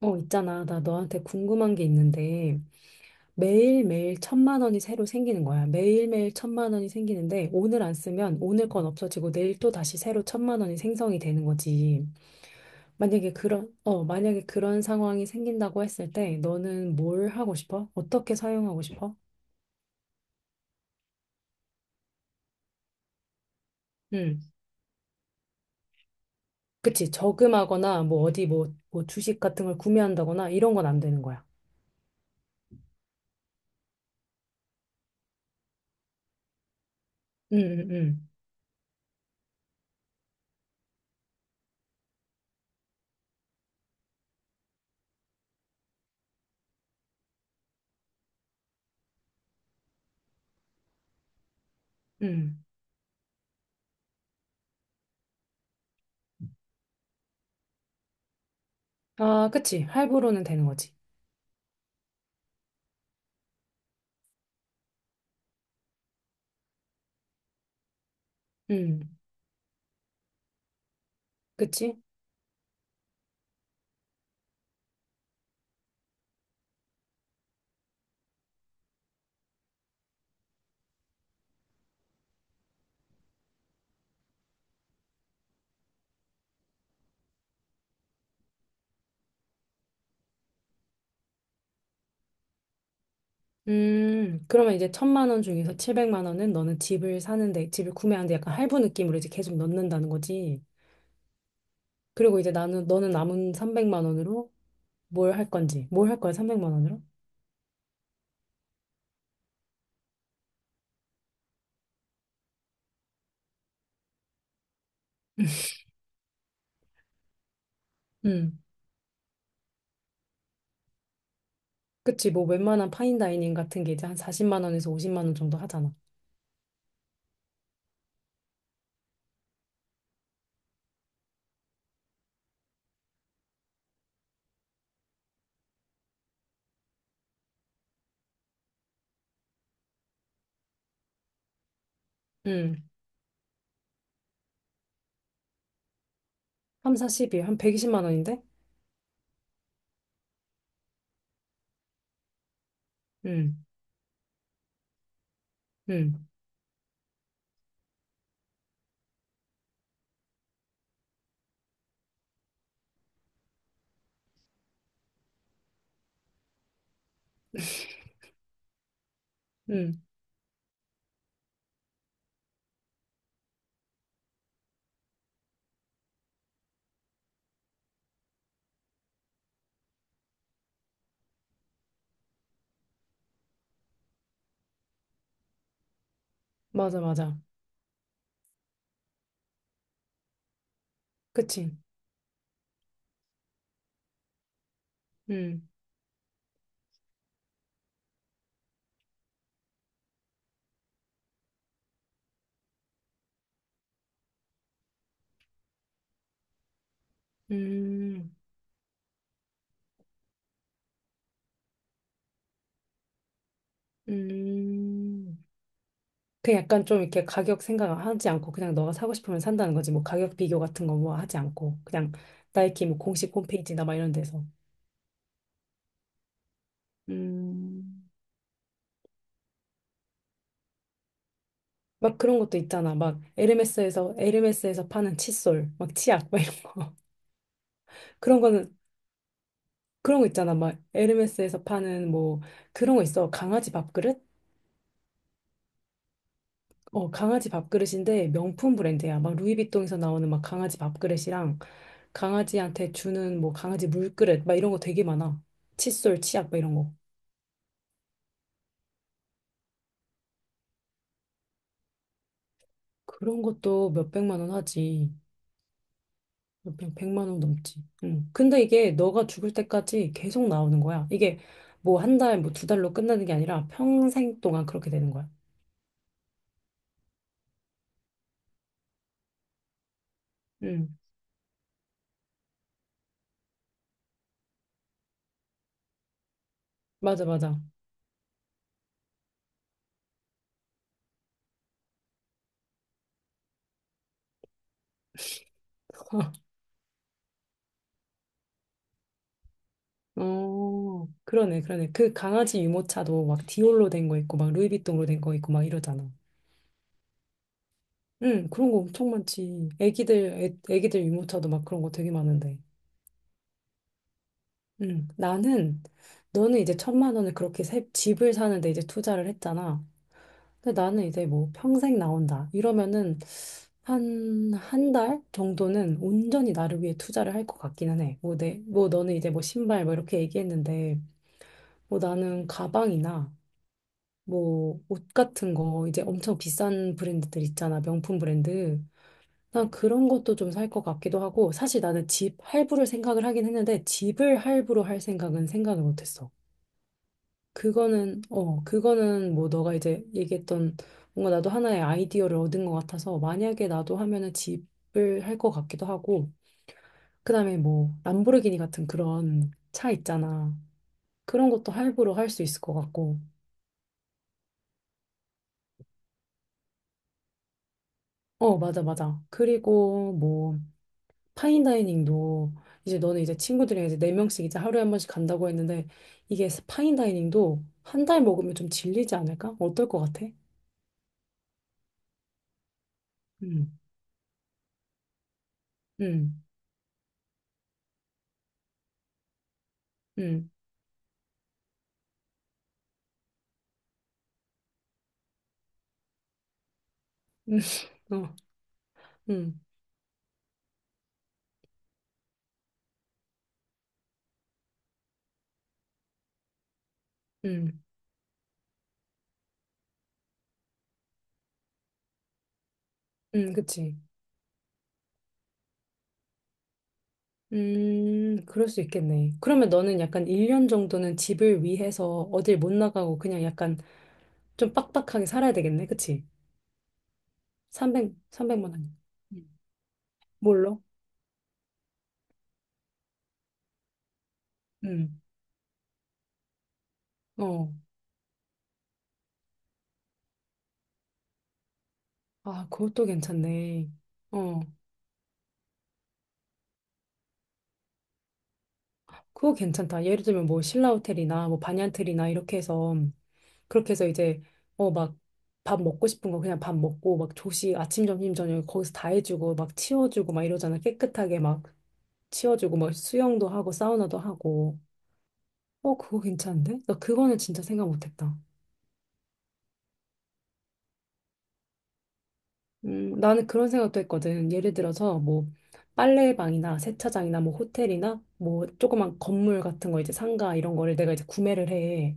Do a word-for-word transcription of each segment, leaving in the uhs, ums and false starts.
어, 있잖아. 나 너한테 궁금한 게 있는데, 매일매일 천만 원이 새로 생기는 거야. 매일매일 천만 원이 생기는데, 오늘 안 쓰면 오늘 건 없어지고, 내일 또 다시 새로 천만 원이 생성이 되는 거지. 만약에 그런, 어, 만약에 그런 상황이 생긴다고 했을 때, 너는 뭘 하고 싶어? 어떻게 사용하고 싶어? 응. 그치. 저금하거나, 뭐, 어디 뭐, 뭐, 주식 같은 걸 구매한다거나, 이런 건 안 되는 거야. 응, 응, 응. 응. 아, 그치. 할부로는 되는 거지. 응. 그치? 음, 그러면 이제 천만 원 중에서 칠백만 원은 너는 집을 사는데, 집을 구매하는데 약간 할부 느낌으로 이제 계속 넣는다는 거지. 그리고 이제 나는, 너는 남은 삼백만 원으로 뭘 할 건지, 뭘 할 거야, 삼백만 원으로? 음, 그치, 뭐 웬만한 파인다이닝 같은 게 이제 한 사십만 원에서 오십만 원 정도 하잖아. 음, 삼, 사, 십이한 백이십만 원인데? 음, 음, 음, 맞아, 맞아. 그치. 음, 음, 음. 그 약간 좀 이렇게 가격 생각하지 않고 그냥 너가 사고 싶으면 산다는 거지. 뭐 가격 비교 같은 거 뭐 하지 않고 그냥 나이키 뭐 공식 홈페이지나 막 이런 데서 음, 막 그런 것도 있잖아. 막 에르메스에서 에르메스에서 파는 칫솔, 막 치약 막 이런 거. 그런 거는 그런 거 있잖아. 막 에르메스에서 파는 뭐 그런 거 있어. 강아지 밥그릇? 어, 강아지 밥그릇인데 명품 브랜드야. 막 루이비통에서 나오는 막 강아지 밥그릇이랑 강아지한테 주는 뭐 강아지 물그릇 막 이런 거 되게 많아. 칫솔, 치약 막 이런 거. 그런 것도 몇백만 원 하지. 몇백, 백만 원 넘지. 응. 근데 이게 너가 죽을 때까지 계속 나오는 거야. 이게 뭐 한 달, 뭐 두 달로 끝나는 게 아니라 평생 동안 그렇게 되는 거야. 응. 맞아, 맞아. 어, 그러네, 그러네. 그 강아지 유모차도 막 디올로 된 거 있고, 막 루이비통으로 된 거 있고, 막 이러잖아. 응, 그런 거 엄청 많지. 애기들, 애, 애기들 유모차도 막 그런 거 되게 많은데. 응, 나는, 너는 이제 천만 원을 그렇게 세- 집을 사는데 이제 투자를 했잖아. 근데 나는 이제 뭐 평생 나온다 이러면은 한 한 달 정도는 온전히 나를 위해 투자를 할 것 같기는 해. 뭐 내, 뭐 너는 이제 뭐 신발 뭐 이렇게 얘기했는데 뭐 나는 가방이나 뭐 옷 같은 거 이제 엄청 비싼 브랜드들 있잖아. 명품 브랜드. 난 그런 것도 좀 살 것 같기도 하고 사실 나는 집 할부를 생각을 하긴 했는데 집을 할부로 할 생각은 생각을 못했어. 그거는, 어, 그거는 뭐 너가 이제 얘기했던 뭔가 나도 하나의 아이디어를 얻은 것 같아서 만약에 나도 하면은 집을 할 것 같기도 하고, 그다음에 뭐 람보르기니 같은 그런 차 있잖아. 그런 것도 할부로 할 수 있을 것 같고. 어, 맞아, 맞아. 그리고 뭐 파인다이닝도 이제 너는 이제 친구들이랑 이제 네 명씩 이제 하루에 한 번씩 간다고 했는데 이게 파인다이닝도 한 달 먹으면 좀 질리지 않을까? 어떨 것 같아? 음, 음, 음, 음, 어, 음. 음, 음, 그치. 음, 그럴 수 있겠네. 그러면 너는 약간 일 년 정도는 집을 위해서 어딜 못 나가고 그냥 약간 좀 빡빡하게 살아야 되겠네. 그치? 삼백, 삼백만 원. 음. 뭘로? 음, 어. 아, 그것도 괜찮네. 어, 그거 괜찮다. 예를 들면 뭐 신라호텔이나 뭐 반얀트리나 이렇게 해서 그렇게 해서 이제 어, 막 밥 먹고 싶은 거 그냥 밥 먹고 막 조식 아침 점심 저녁 거기서 다 해주고 막 치워주고 막 이러잖아. 깨끗하게 막. 치워주고 막 수영도 하고 사우나도 하고 어 그거 괜찮은데? 나 그거는 진짜 생각 못했다. 음 나는 그런 생각도 했거든. 예를 들어서 뭐 빨래방이나 세차장이나 뭐 호텔이나 뭐 조그만 건물 같은 거 이제 상가 이런 거를 내가 이제 구매를 해.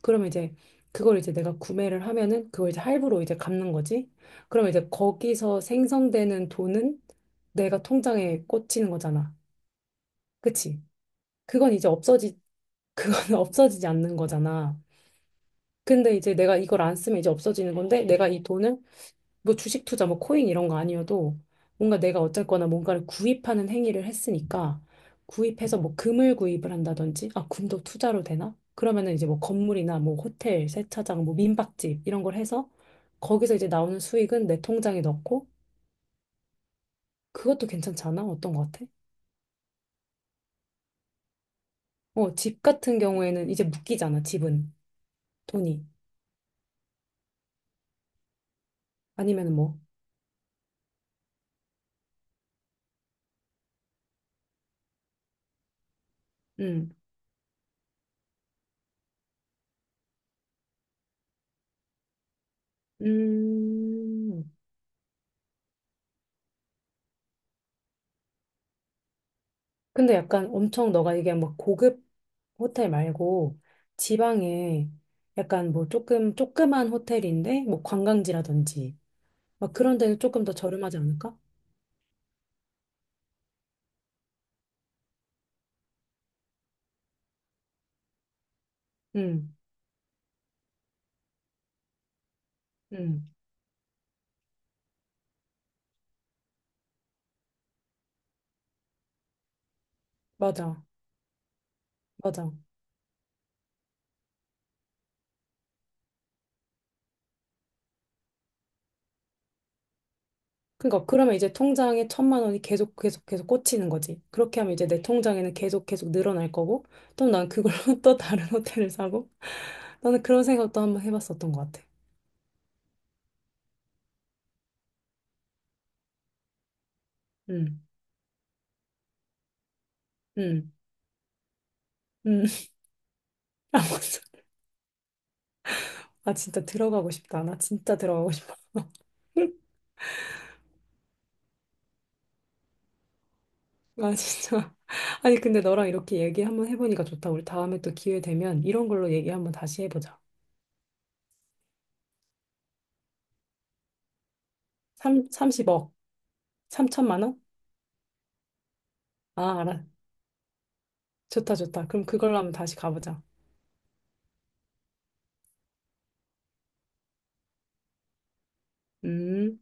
그러면 이제 그걸 이제 내가 구매를 하면은 그걸 이제 할부로 이제 갚는 거지. 그럼 이제 거기서 생성되는 돈은 내가 통장에 꽂히는 거잖아. 그치? 그건 이제 없어지 그거는 없어지지 않는 거잖아. 근데 이제 내가 이걸 안 쓰면 이제 없어지는 건데 내가 이 돈을 뭐 주식 투자 뭐 코인 이런 거 아니어도 뭔가 내가 어쨌거나 뭔가를 구입하는 행위를 했으니까 구입해서 뭐 금을 구입을 한다든지 아 금도 투자로 되나? 그러면은 이제 뭐 건물이나 뭐 호텔, 세차장, 뭐 민박집 이런 걸 해서 거기서 이제 나오는 수익은 내 통장에 넣고 그것도 괜찮지 않아? 어떤 거 같아? 어, 집 같은 경우에는 이제 묶이잖아, 집은. 돈이. 아니면은 뭐. 음. 음. 근데 약간 엄청 너가 얘기한 막 고급 호텔 말고 지방에 약간 뭐 조금 조그만 호텔인데 뭐 관광지라든지 막 그런 데는 조금 더 저렴하지 않을까? 응, 응, 맞아, 맞아. 그러니까 그러면 이제 통장에 천만 원이 계속 계속 계속 꽂히는 거지. 그렇게 하면 이제 내 통장에는 계속 계속 늘어날 거고 또 난 그걸로 또 다른 호텔을 사고 나는 그런 생각도 한번 해봤었던 것 같아. 응, 응, 응. 아, 맞아. 아, 진짜 들어가고 싶다. 나 진짜 들어가고 싶다. 아, 진짜. 아니, 근데 너랑 이렇게 얘기 한번 해보니까 좋다. 우리 다음에 또 기회 되면 이런 걸로 얘기 한번 다시 해보자. 삼 삼십억, 삼천만 원? 아, 알아. 좋다, 좋다. 그럼 그걸로 한번 다시 가보자. 음.